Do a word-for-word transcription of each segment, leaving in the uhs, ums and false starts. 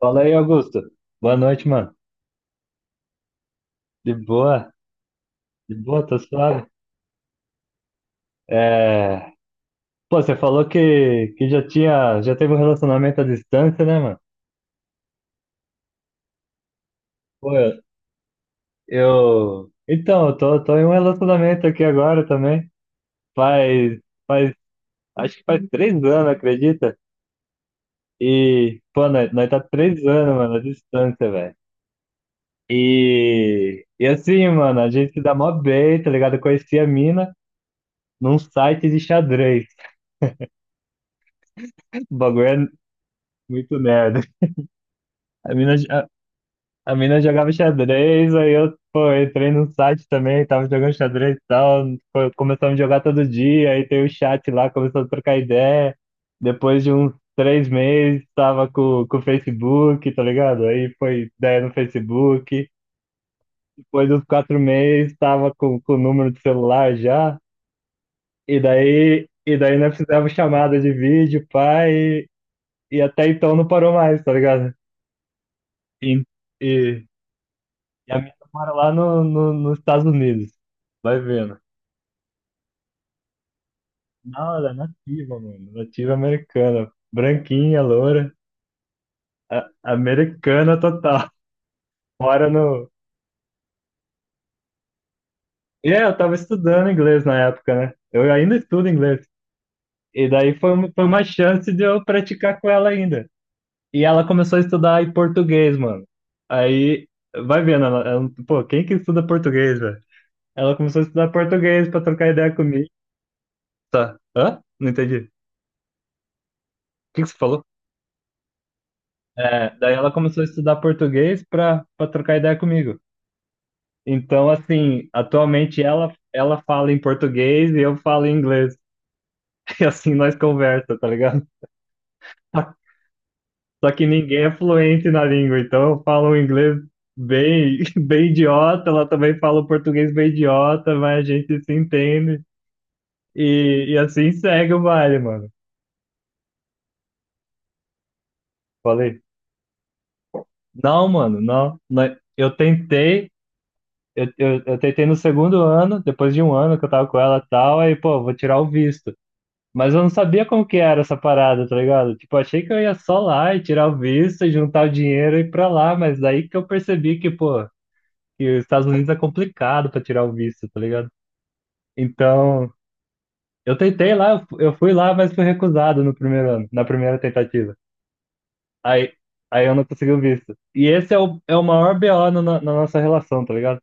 Fala aí, Augusto. Boa noite, mano. De boa, de boa, tô suave. É... Pô, você falou que, que já tinha, já teve um relacionamento à distância, né, mano? Pô, eu... eu- Então, eu tô, tô em um relacionamento aqui agora também. Faz, faz, acho que faz três anos, acredita? E, pô, nós, nós tá três anos, mano, à distância, velho. E, e assim, mano, a gente se dá mó bem, tá ligado? Eu conheci a mina num site de xadrez. O bagulho é muito nerd. A mina, a, a mina jogava xadrez, aí eu, pô, entrei no site também, tava jogando xadrez e tal, foi- começamos a jogar todo dia, aí tem o chat lá, começou a trocar ideia. Depois de uns três meses, tava com, com o Facebook, tá ligado? Aí foi ideia no Facebook. Depois dos quatro meses, tava com, com o número de celular já. E daí, e daí nós fizemos chamada de vídeo, pai, e, e até então não parou mais, tá ligado? E, e- E a minha mora lá no, no, nos Estados Unidos. Vai vendo. Não, ela é nativa, mano. Nativa americana. Branquinha, loura. a- Americana total. Mora no. E é, eu tava estudando inglês na época, né? Eu ainda estudo inglês. E daí foi, um- foi uma chance de eu praticar com ela ainda. E ela começou a estudar em português, mano. Aí, vai vendo, ela, ela- pô, quem que estuda português, velho? Ela começou a estudar português pra trocar ideia comigo. Tá. Hã? Não entendi. O que que você falou? É, daí ela começou a estudar português para para trocar ideia comigo. Então, assim, atualmente ela ela fala em português e eu falo em inglês. E assim nós conversa, tá ligado? Só que ninguém é fluente na língua, então eu falo um inglês bem bem idiota, ela também fala o português bem idiota, mas a gente se entende. E, e assim segue o baile, mano. Falei, não, mano, não. Nós- Eu tentei eu, eu, eu tentei no segundo ano, depois de um ano que eu tava com ela e tal, aí, pô, vou tirar o visto. Mas eu não sabia como que era essa parada, tá ligado? Tipo, achei que eu ia só lá e tirar o visto, e juntar o dinheiro e ir pra lá, mas daí que eu percebi que, pô, que os Estados Unidos é complicado pra tirar o visto, tá ligado? Então, eu tentei lá, eu fu- eu fui lá, mas fui recusado no primeiro ano, na primeira tentativa. Aí, aí eu não consegui o visto. E esse é o, é o, maior B O no- na, na na nossa relação, tá ligado?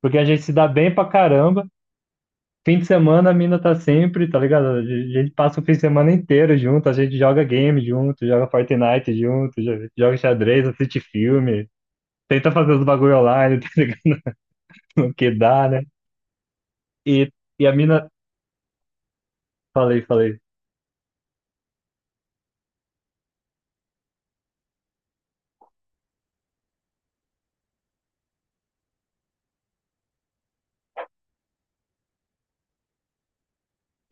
Porque a gente se dá bem pra caramba, fim de semana a mina tá sempre, tá ligado? A gente a gente passa o fim de semana inteiro junto, a gente joga game junto, joga Fortnite junto, jo- joga xadrez, assiste filme, tenta fazer os bagulho online, tá ligado? No que dá, né? E, e a mina. Falei, falei.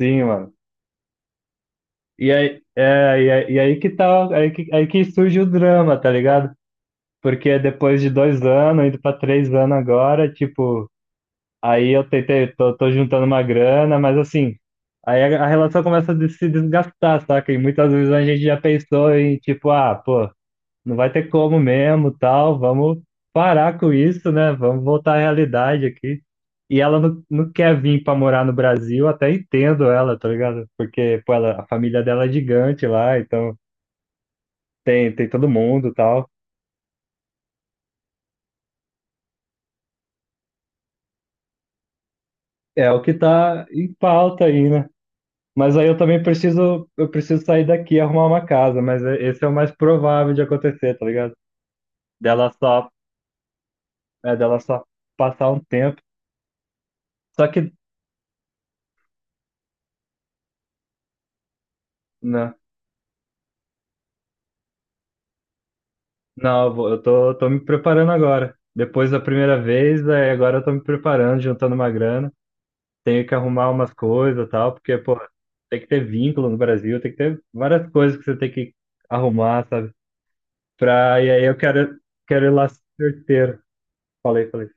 Sim, mano. E aí, é, e aí, e aí que tá, aí que, aí que surge o drama, tá ligado? Porque depois de dois anos, indo pra três anos agora, tipo. Aí eu tentei, tô, tô juntando uma grana, mas assim, aí a, a relação começa a des- se desgastar, saca? E muitas vezes a gente já pensou em tipo, ah, pô, não vai ter como mesmo, tal, vamos parar com isso, né? Vamos voltar à realidade aqui. E ela não, não quer vir pra morar no Brasil, até entendo ela, tá ligado? Porque, pô, ela, a família dela é gigante lá, então tem, tem todo mundo, tal. É o que tá em pauta aí, né? Mas aí eu também preciso, eu preciso sair daqui e arrumar uma casa, mas é- esse é o mais provável de acontecer, tá ligado? Dela só, é, dela só passar um tempo. Só que, não, não, eu vou- eu tô, tô me preparando agora. Depois da primeira vez, aí agora eu tô me preparando, juntando uma grana. Tenho que arrumar umas coisas e tal, porque, pô, tem que ter vínculo no Brasil, tem que ter várias coisas que você tem que arrumar, sabe? Pra, e aí eu quero, quero ir lá certeiro. Falei, falei.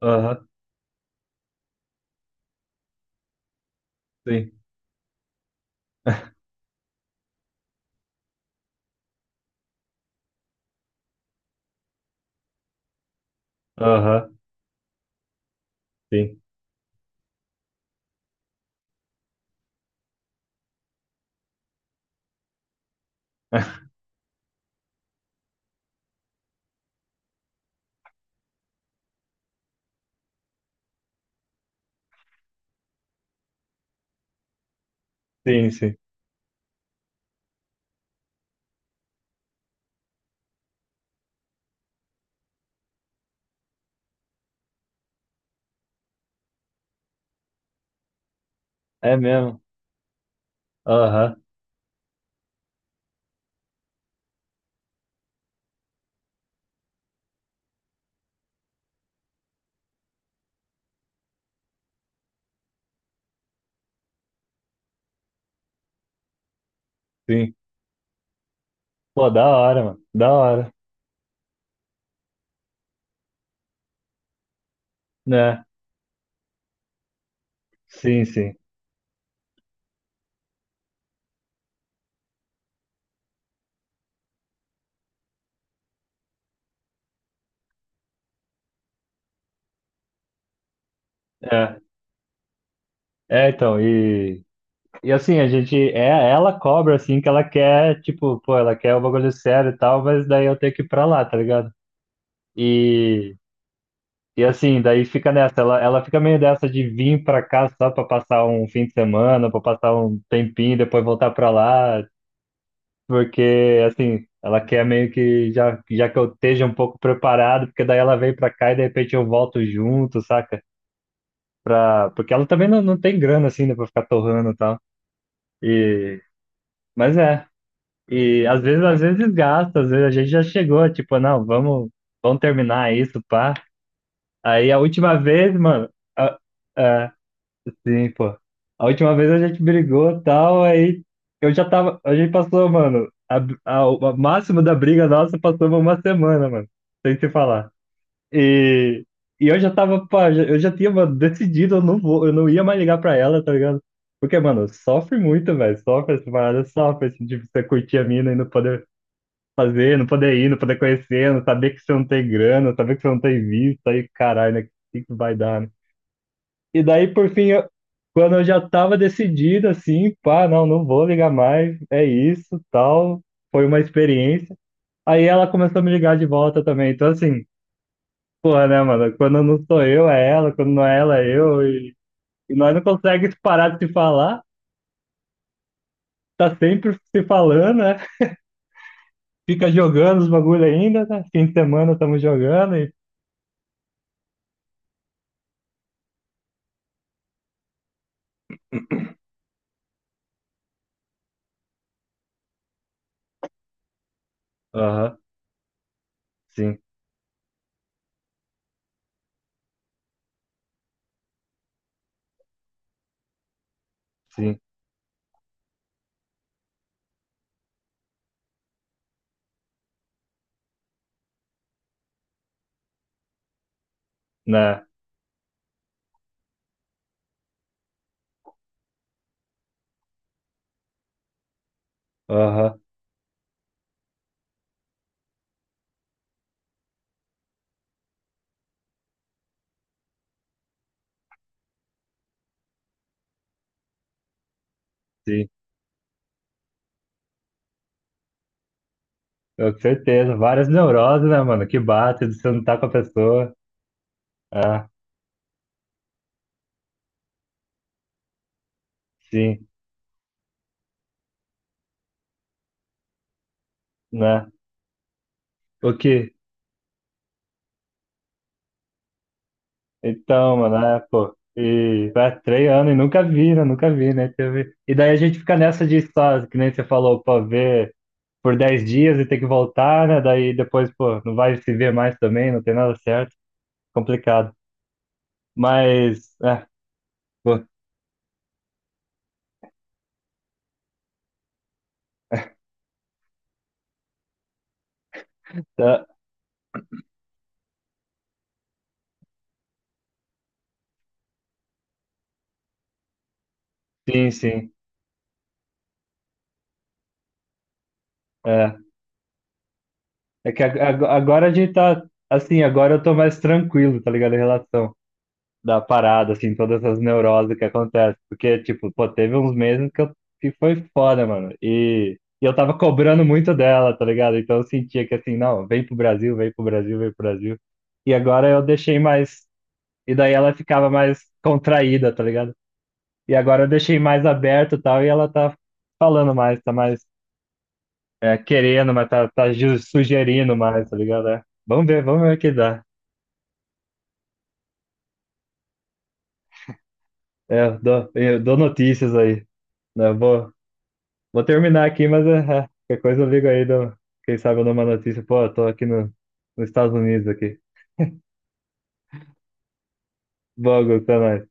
Aham, sim. Aham, sim. Sim, sim. É mesmo. Aham, sim. Pô, da hora, mano. Da hora. Né? Sim, sim. É. É, então, e, e assim, a gente, é, ela cobra, assim, que ela quer, tipo, pô, ela quer o bagulho sério e tal, mas daí eu tenho que ir pra lá, tá ligado? E, e assim, daí fica nessa, ela, ela fica meio dessa de vir pra cá só pra passar um fim de semana, pra passar um tempinho, depois voltar pra lá, porque assim, ela quer meio que já, já que eu esteja um pouco preparado, porque daí ela vem pra cá e de repente eu volto junto, saca? Pra, porque ela também não, não tem grana assim, né, pra ficar torrando e tal. E, mas é, e às vezes, às vezes gasta, às vezes a gente já chegou, tipo, não, vamos, vamos terminar isso, pá. Aí a última vez, mano, sim, pô. A última vez a gente brigou e tal, aí eu já tava. A gente passou, mano. A, a, o máximo da briga nossa passou uma semana, mano. Sem se falar. E, e eu já tava, pá, já- eu já tinha, mano, decidido, eu não vou, eu não ia mais ligar pra ela, tá ligado? Porque, mano, sofre muito, velho. Sofre essa parada, sofre, assim, de você curtir a mina e não poder fazer, não poder ir, não poder conhecer, não saber que você não tem grana, saber que você não tem visto, aí, caralho, né? O que que vai dar, né? E daí, por fim, eu- quando eu já tava decidido, assim, pá, não, não vou ligar mais, é isso, tal, foi uma experiência. Aí ela começou a me ligar de volta também. Então, assim, porra, né, mano? Quando não sou eu, é ela, quando não é ela, é eu. E, e nós não conseguimos parar de se falar, tá sempre se falando, né? Fica jogando os bagulho ainda, né? Fim de semana estamos jogando e. Aham, sim, sim, né? Aham, sim. Eu, com certeza, várias neuroses, né, mano? Que bate, você não tá com a pessoa. Ah, sim, né? O que? Então, mano, é, pô. E vai três anos e nunca vi, né? Nunca vi, né? Teve... E daí a gente fica nessa de só, que nem você falou, pô, ver por dez dias e ter que voltar, né? Daí depois, pô, não vai se ver mais também, não tem nada certo. Complicado. Mas, é, pô, tá- sim, sim. É. É que ag- ag- agora a gente tá, assim, agora eu tô mais tranquilo, tá ligado? Em relação. da parada, assim, todas essas neuroses que acontecem. Porque, tipo, pô, teve uns meses que, eu, que foi foda, mano. E, e eu tava cobrando muito dela, tá ligado? Então eu sentia que, assim, não, vem pro Brasil, vem pro Brasil, vem pro Brasil. E agora eu deixei mais. E daí ela ficava mais contraída, tá ligado? E agora eu deixei mais aberto e tal, e ela tá falando mais, tá mais é, querendo, mas tá, tá ju- sugerindo mais, tá ligado? É. Vamos ver, vamos ver o que dá. É, eu dou, eu dou notícias aí. Né? Vou, Vou terminar aqui, mas é, é, qualquer coisa eu ligo aí, dou- quem sabe eu dou uma notícia. Pô, eu tô aqui no, nos Estados Unidos aqui. Logo, até mais.